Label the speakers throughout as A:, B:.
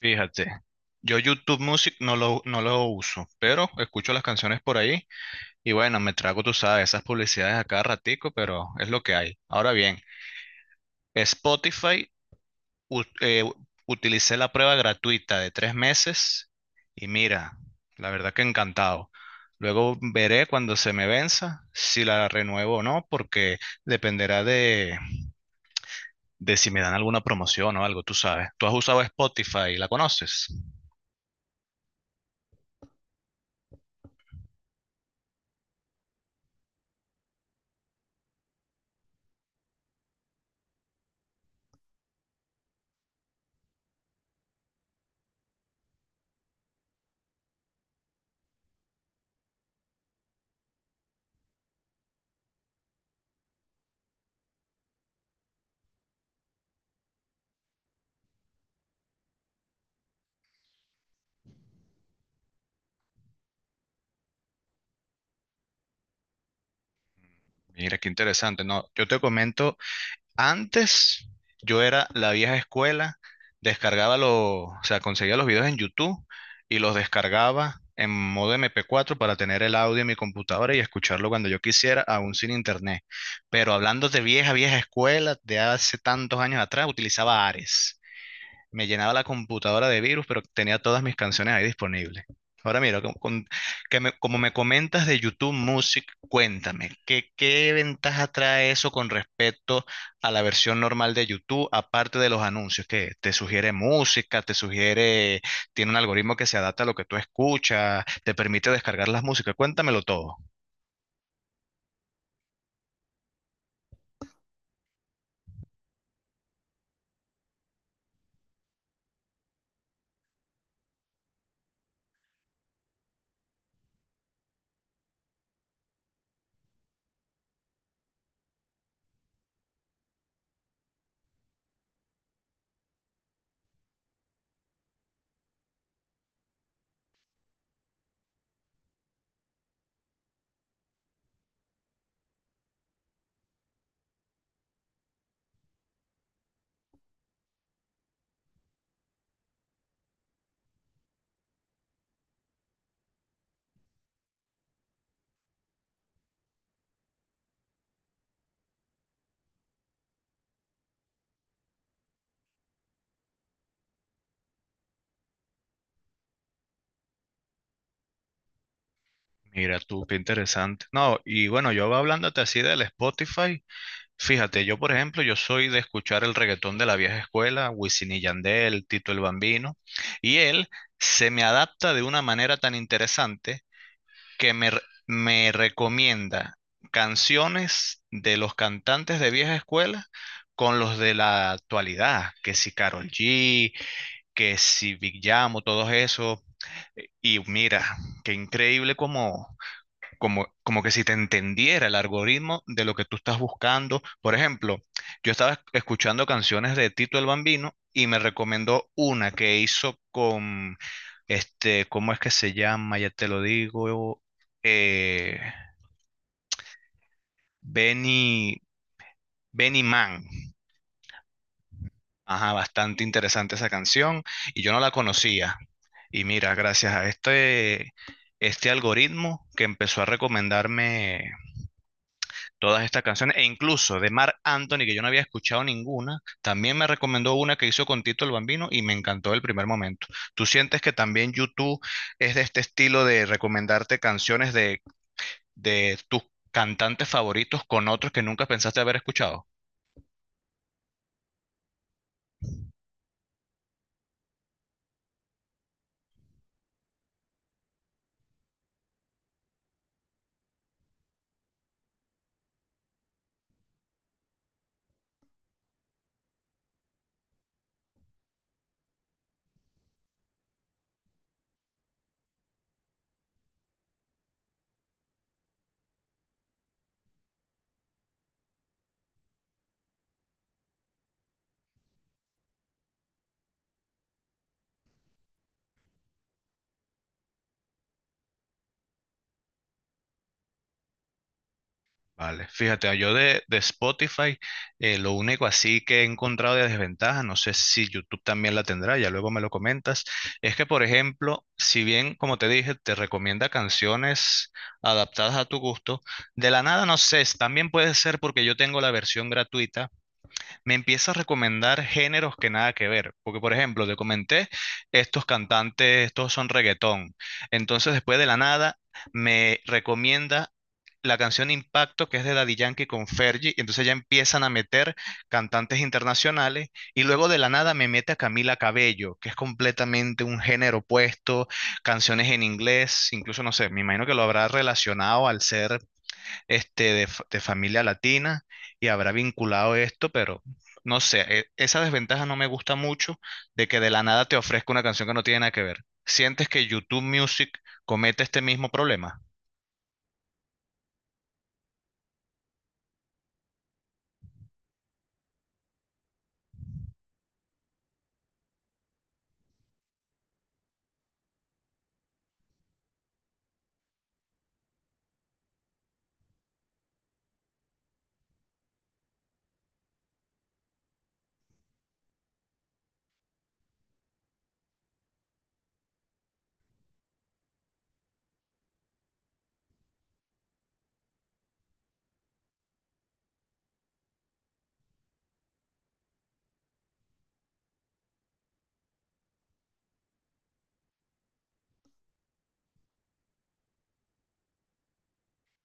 A: Fíjate, yo YouTube Music no lo uso, pero escucho las canciones por ahí y bueno, me trago, tú sabes, esas publicidades a cada ratico, pero es lo que hay. Ahora bien, Spotify, u- eh, utilicé la prueba gratuita de 3 meses y mira, la verdad que encantado. Luego veré cuando se me venza si la renuevo o no, porque dependerá de si me dan alguna promoción o algo, tú sabes. ¿Tú has usado Spotify? ¿La conoces? Mira, qué interesante. No, yo te comento, antes yo era la vieja escuela, descargaba los, o sea, conseguía los videos en YouTube y los descargaba en modo MP4 para tener el audio en mi computadora y escucharlo cuando yo quisiera, aún sin internet. Pero hablando de vieja, vieja escuela, de hace tantos años atrás, utilizaba Ares, me llenaba la computadora de virus, pero tenía todas mis canciones ahí disponibles. Ahora mira, como me comentas de YouTube Music, cuéntame, ¿qué ventaja trae eso con respecto a la versión normal de YouTube, aparte de los anuncios, que te sugiere música, te sugiere, tiene un algoritmo que se adapta a lo que tú escuchas, te permite descargar las músicas? Cuéntamelo todo. Mira tú, qué interesante. No, y bueno, yo hablándote así del Spotify, fíjate, yo por ejemplo, yo soy de escuchar el reggaetón de la vieja escuela, Wisin y Yandel, Tito el Bambino, y él se me adapta de una manera tan interesante que me recomienda canciones de los cantantes de vieja escuela con los de la actualidad, que si Karol G, que si Big Yamo, todos esos. Y mira, qué increíble como como que si te entendiera el algoritmo de lo que tú estás buscando. Por ejemplo, yo estaba escuchando canciones de Tito el Bambino y me recomendó una que hizo con, este, ¿cómo es que se llama? Ya te lo digo, eh, Benny, Benny Man. Ajá, bastante interesante esa canción y yo no la conocía. Y mira, gracias a este algoritmo que empezó a recomendarme todas estas canciones, e incluso de Marc Anthony, que yo no había escuchado ninguna, también me recomendó una que hizo con Tito el Bambino y me encantó el primer momento. ¿Tú sientes que también YouTube es de este estilo de recomendarte canciones de tus cantantes favoritos con otros que nunca pensaste haber escuchado? Vale, fíjate, yo de Spotify, lo único así que he encontrado de desventaja, no sé si YouTube también la tendrá, ya luego me lo comentas, es que, por ejemplo, si bien, como te dije, te recomienda canciones adaptadas a tu gusto, de la nada, no sé, también puede ser porque yo tengo la versión gratuita, me empieza a recomendar géneros que nada que ver. Porque, por ejemplo, te comenté, estos cantantes, estos son reggaetón. Entonces, después de la nada, me recomienda la canción Impacto, que es de Daddy Yankee con Fergie, y entonces ya empiezan a meter cantantes internacionales, y luego de la nada me mete a Camila Cabello, que es completamente un género opuesto, canciones en inglés, incluso no sé, me imagino que lo habrá relacionado al ser este, de, de familia latina y habrá vinculado esto, pero no sé, esa desventaja no me gusta mucho de que de la nada te ofrezca una canción que no tiene nada que ver. ¿Sientes que YouTube Music comete este mismo problema?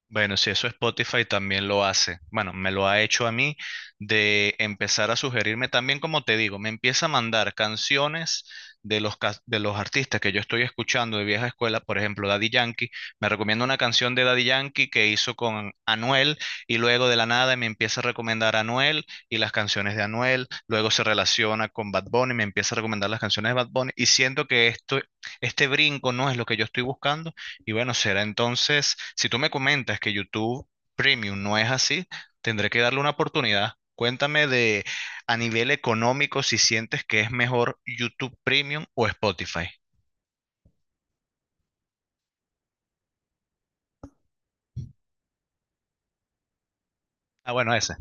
A: Bueno, si eso Spotify también lo hace. Bueno, me lo ha hecho a mí, de empezar a sugerirme también, como te digo, me empieza a mandar canciones de los, de los artistas que yo estoy escuchando de vieja escuela, por ejemplo, Daddy Yankee. Me recomienda una canción de Daddy Yankee que hizo con Anuel y luego de la nada me empieza a recomendar a Anuel y las canciones de Anuel. Luego se relaciona con Bad Bunny, me empieza a recomendar las canciones de Bad Bunny y siento que esto, este brinco no es lo que yo estoy buscando y bueno, será entonces, si tú me comentas que YouTube Premium no es así, tendré que darle una oportunidad. Cuéntame, de a nivel económico, si sientes que es mejor YouTube Premium o Spotify. Ah, bueno, ese.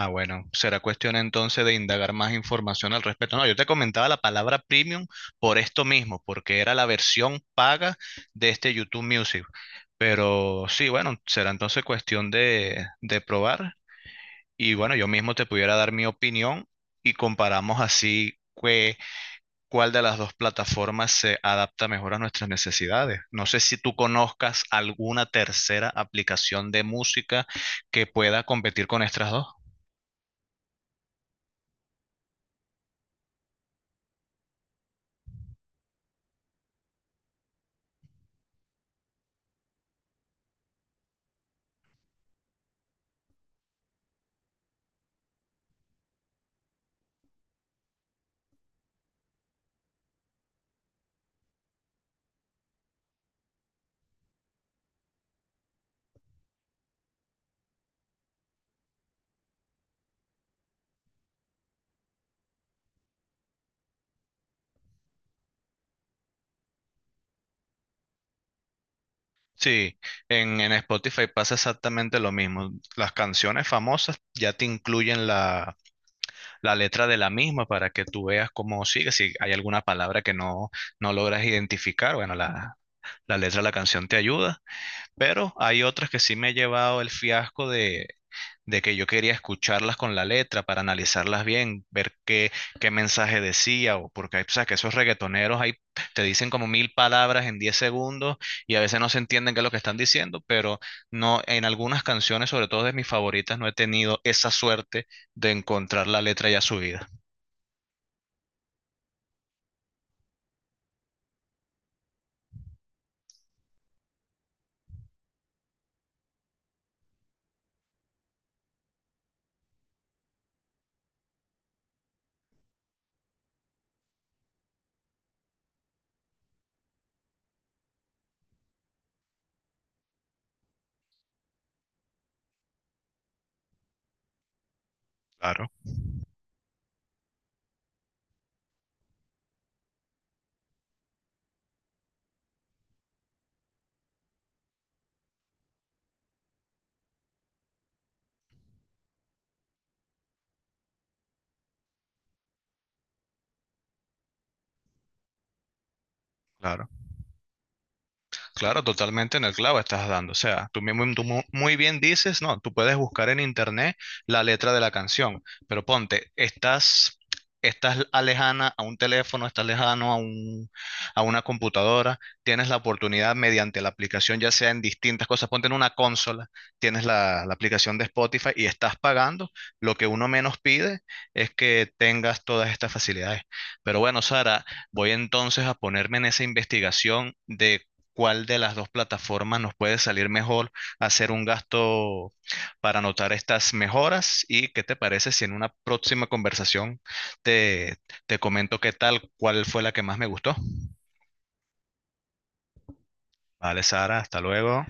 A: Ah, bueno, será cuestión entonces de indagar más información al respecto. No, yo te comentaba la palabra Premium por esto mismo, porque era la versión paga de este YouTube Music. Pero sí, bueno, será entonces cuestión de probar. Y bueno, yo mismo te pudiera dar mi opinión y comparamos, cuál de las dos plataformas se adapta mejor a nuestras necesidades. No sé si tú conozcas alguna tercera aplicación de música que pueda competir con estas dos. Sí, en Spotify pasa exactamente lo mismo. Las canciones famosas ya te incluyen la letra de la misma para que tú veas cómo sigue. Si hay alguna palabra que no logras identificar, bueno, la letra de la canción te ayuda. Pero hay otras que sí me he llevado el fiasco de que yo quería escucharlas con la letra para analizarlas bien, ver qué mensaje decía, o porque hay, sabes que esos reggaetoneros ahí te dicen como 1.000 palabras en 10 segundos y a veces no se entienden qué es lo que están diciendo, pero no, en algunas canciones, sobre todo de mis favoritas, no he tenido esa suerte de encontrar la letra ya subida. Claro. Claro, claro, totalmente en el clavo estás dando. O sea, tú mismo, tú muy bien dices, no, tú puedes buscar en internet la letra de la canción, pero ponte, estás, estás alejana a un teléfono, estás lejano a un, a una computadora, tienes la oportunidad mediante la aplicación, ya sea en distintas cosas, ponte en una consola, tienes la aplicación de Spotify y estás pagando. Lo que uno menos pide es que tengas todas estas facilidades. Pero bueno, Sara. Voy entonces a ponerme en esa investigación de cuál de las dos plataformas nos puede salir mejor, hacer un gasto para anotar estas mejoras, y qué te parece si en una próxima conversación te, te comento qué tal, cuál fue la que más me gustó. Vale, Sara, hasta luego.